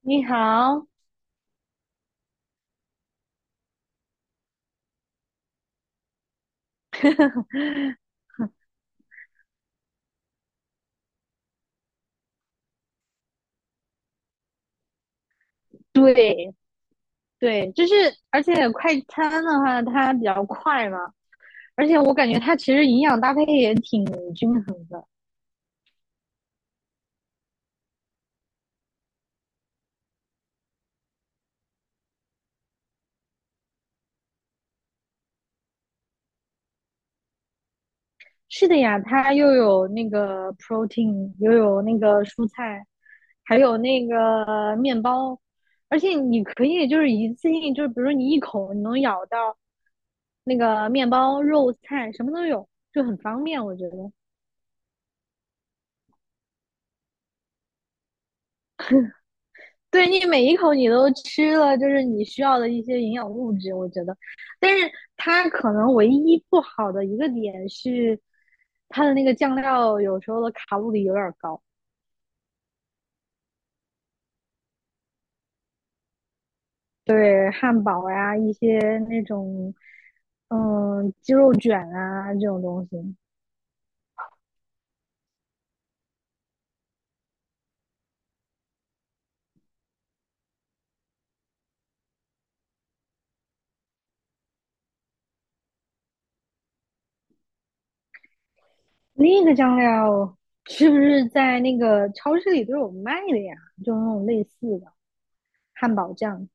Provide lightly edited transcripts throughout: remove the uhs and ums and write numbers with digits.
你好。对对，就是而且快餐的话，它比较快嘛，而且我感觉它其实营养搭配也挺均衡的。是的呀，它又有那个 protein，又有那个蔬菜，还有那个面包，而且你可以就是一次性，就是比如说你一口你能咬到那个面包、肉菜，什么都有，就很方便，我觉得。对你每一口你都吃了，就是你需要的一些营养物质，我觉得。但是它可能唯一不好的一个点是，它的那个酱料有时候的卡路里有点高。对，汉堡呀、一些那种鸡肉卷啊这种东西，那个酱料是不是在那个超市里都有卖的呀？就那种类似的汉堡酱。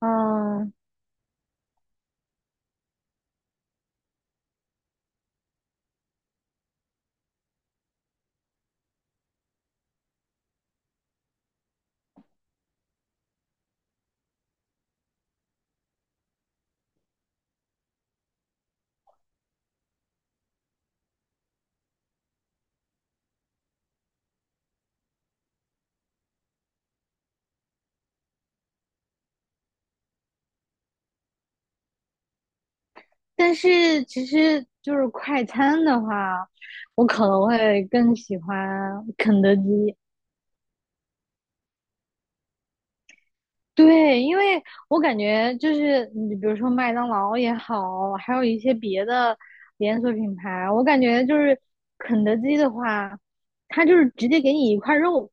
嗯。但是其实就是快餐的话，我可能会更喜欢肯德基。对，因为我感觉就是你比如说麦当劳也好，还有一些别的连锁品牌，我感觉就是肯德基的话，它就是直接给你一块肉，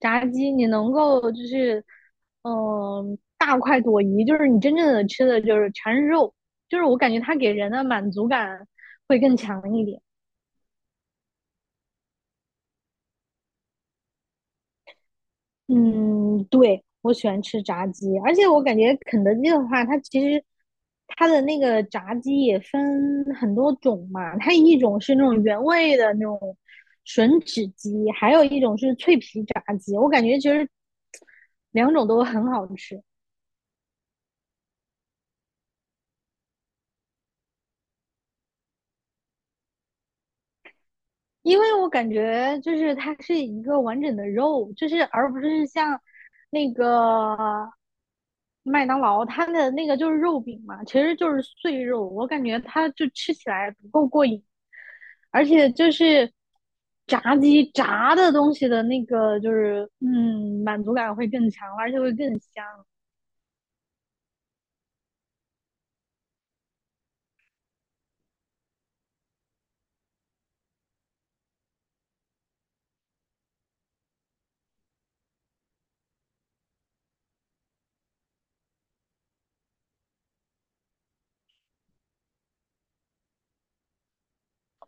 炸鸡，你能够就是大快朵颐，就是你真正的吃的就是全是肉，就是我感觉它给人的满足感会更强一点。嗯，对，我喜欢吃炸鸡，而且我感觉肯德基的话，它其实它的那个炸鸡也分很多种嘛，它一种是那种原味的那种吮指鸡，还有一种是脆皮炸鸡，我感觉其实两种都很好吃。因为我感觉就是它是一个完整的肉，就是而不是像那个麦当劳它的那个就是肉饼嘛，其实就是碎肉，我感觉它就吃起来不够过瘾，而且就是炸鸡炸的东西的那个就是满足感会更强，而且会更香。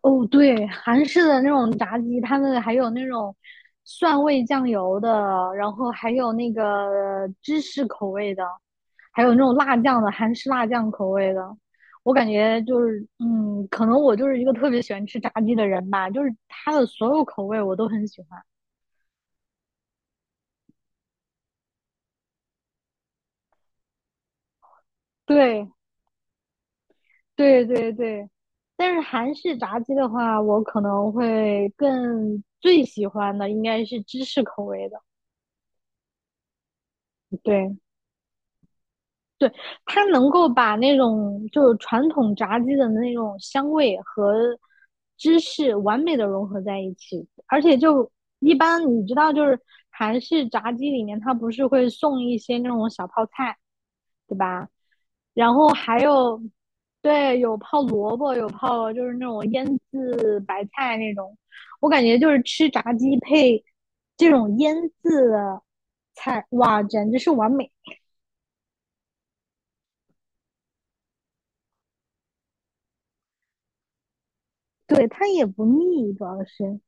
哦，对，韩式的那种炸鸡，他们还有那种蒜味酱油的，然后还有那个芝士口味的，还有那种辣酱的，韩式辣酱口味的。我感觉就是，嗯，可能我就是一个特别喜欢吃炸鸡的人吧，就是它的所有口味我都很喜欢。对，对，对，对。但是韩式炸鸡的话，我可能会更最喜欢的应该是芝士口味的。对。对，它能够把那种就是传统炸鸡的那种香味和芝士完美的融合在一起，而且就一般你知道，就是韩式炸鸡里面它不是会送一些那种小泡菜，对吧？然后还有，对，有泡萝卜，有泡就是那种腌制白菜那种，我感觉就是吃炸鸡配这种腌制的菜，哇，简直是完美。对，它也不腻，主要是。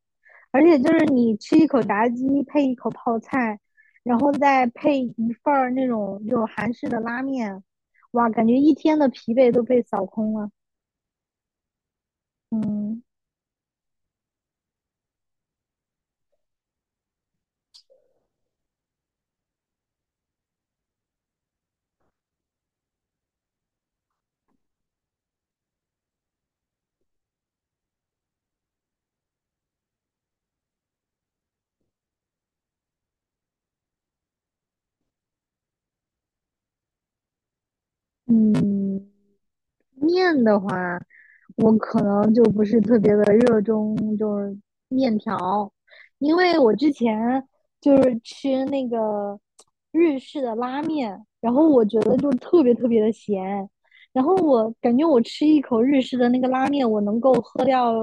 而且就是你吃一口炸鸡配一口泡菜，然后再配一份儿那种就韩式的拉面，哇，感觉一天的疲惫都被扫空了。嗯。嗯，面的话，我可能就不是特别的热衷，就是面条，因为我之前就是吃那个日式的拉面，然后我觉得就特别特别的咸，然后我感觉我吃一口日式的那个拉面，我能够喝掉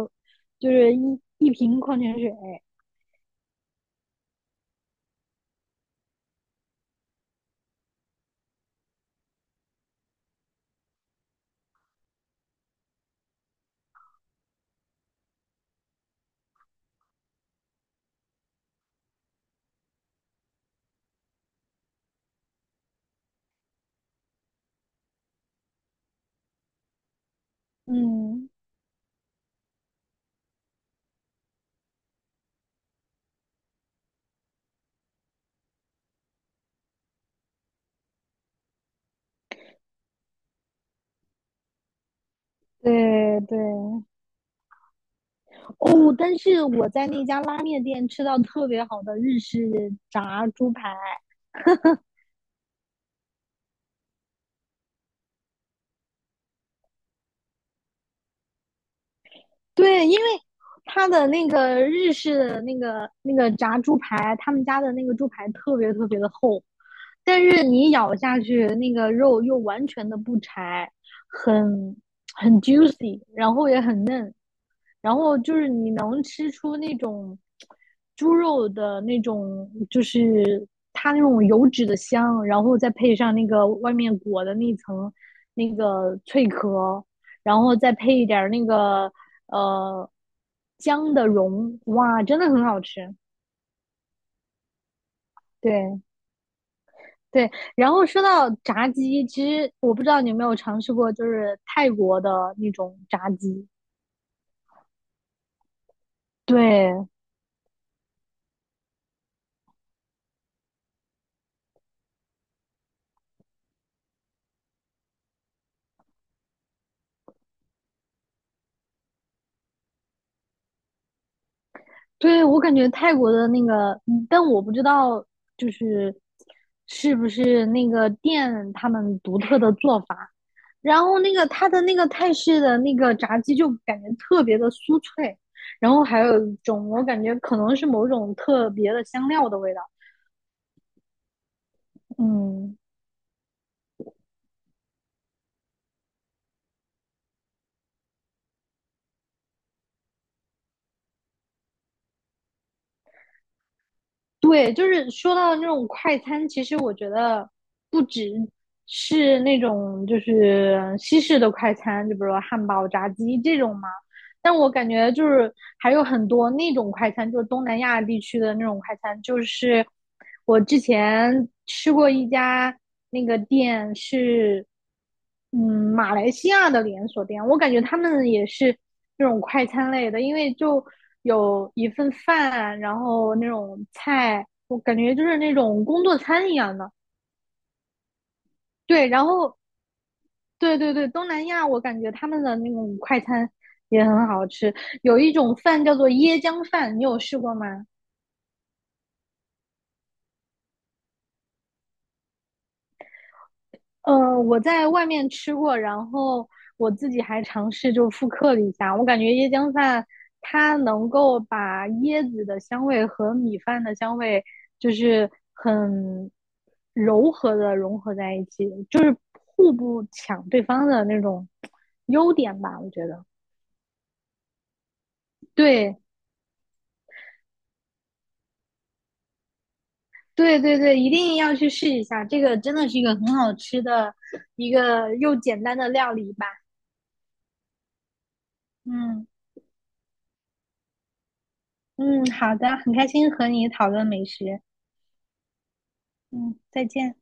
就是一瓶矿泉水。嗯。对对。哦，但是我在那家拉面店吃到特别好的日式炸猪排。对，因为他的那个日式的那个炸猪排，他们家的那个猪排特别特别的厚，但是你咬下去，那个肉又完全的不柴，很很 juicy，然后也很嫩，然后就是你能吃出那种猪肉的那种，就是它那种油脂的香，然后再配上那个外面裹的那层那个脆壳，然后再配一点那个呃姜的蓉，哇，真的很好吃。对。对，然后说到炸鸡，其实我不知道你有没有尝试过，就是泰国的那种炸鸡。对。对，我感觉泰国的那个，嗯但我不知道就是是不是那个店他们独特的做法。然后那个它的那个泰式的那个炸鸡就感觉特别的酥脆，然后还有一种我感觉可能是某种特别的香料的味道。嗯，对，就是说到那种快餐，其实我觉得不只是那种就是西式的快餐，就比如说汉堡、炸鸡这种嘛。但我感觉就是还有很多那种快餐，就是东南亚地区的那种快餐，就是我之前吃过一家那个店是，嗯，马来西亚的连锁店，我感觉他们也是这种快餐类的，因为就有一份饭，然后那种菜，我感觉就是那种工作餐一样的。对，然后对对对，东南亚我感觉他们的那种快餐也很好吃，有一种饭叫做椰浆饭，你有试过吗？呃，我在外面吃过，然后我自己还尝试就复刻了一下，我感觉椰浆饭它能够把椰子的香味和米饭的香味就是很柔和的融合在一起，就是互不抢对方的那种优点吧，我觉得。对，对对对，一定要去试一下，这个真的是一个很好吃的一个又简单的料理吧。嗯。嗯，好的，很开心和你讨论美食。嗯，再见。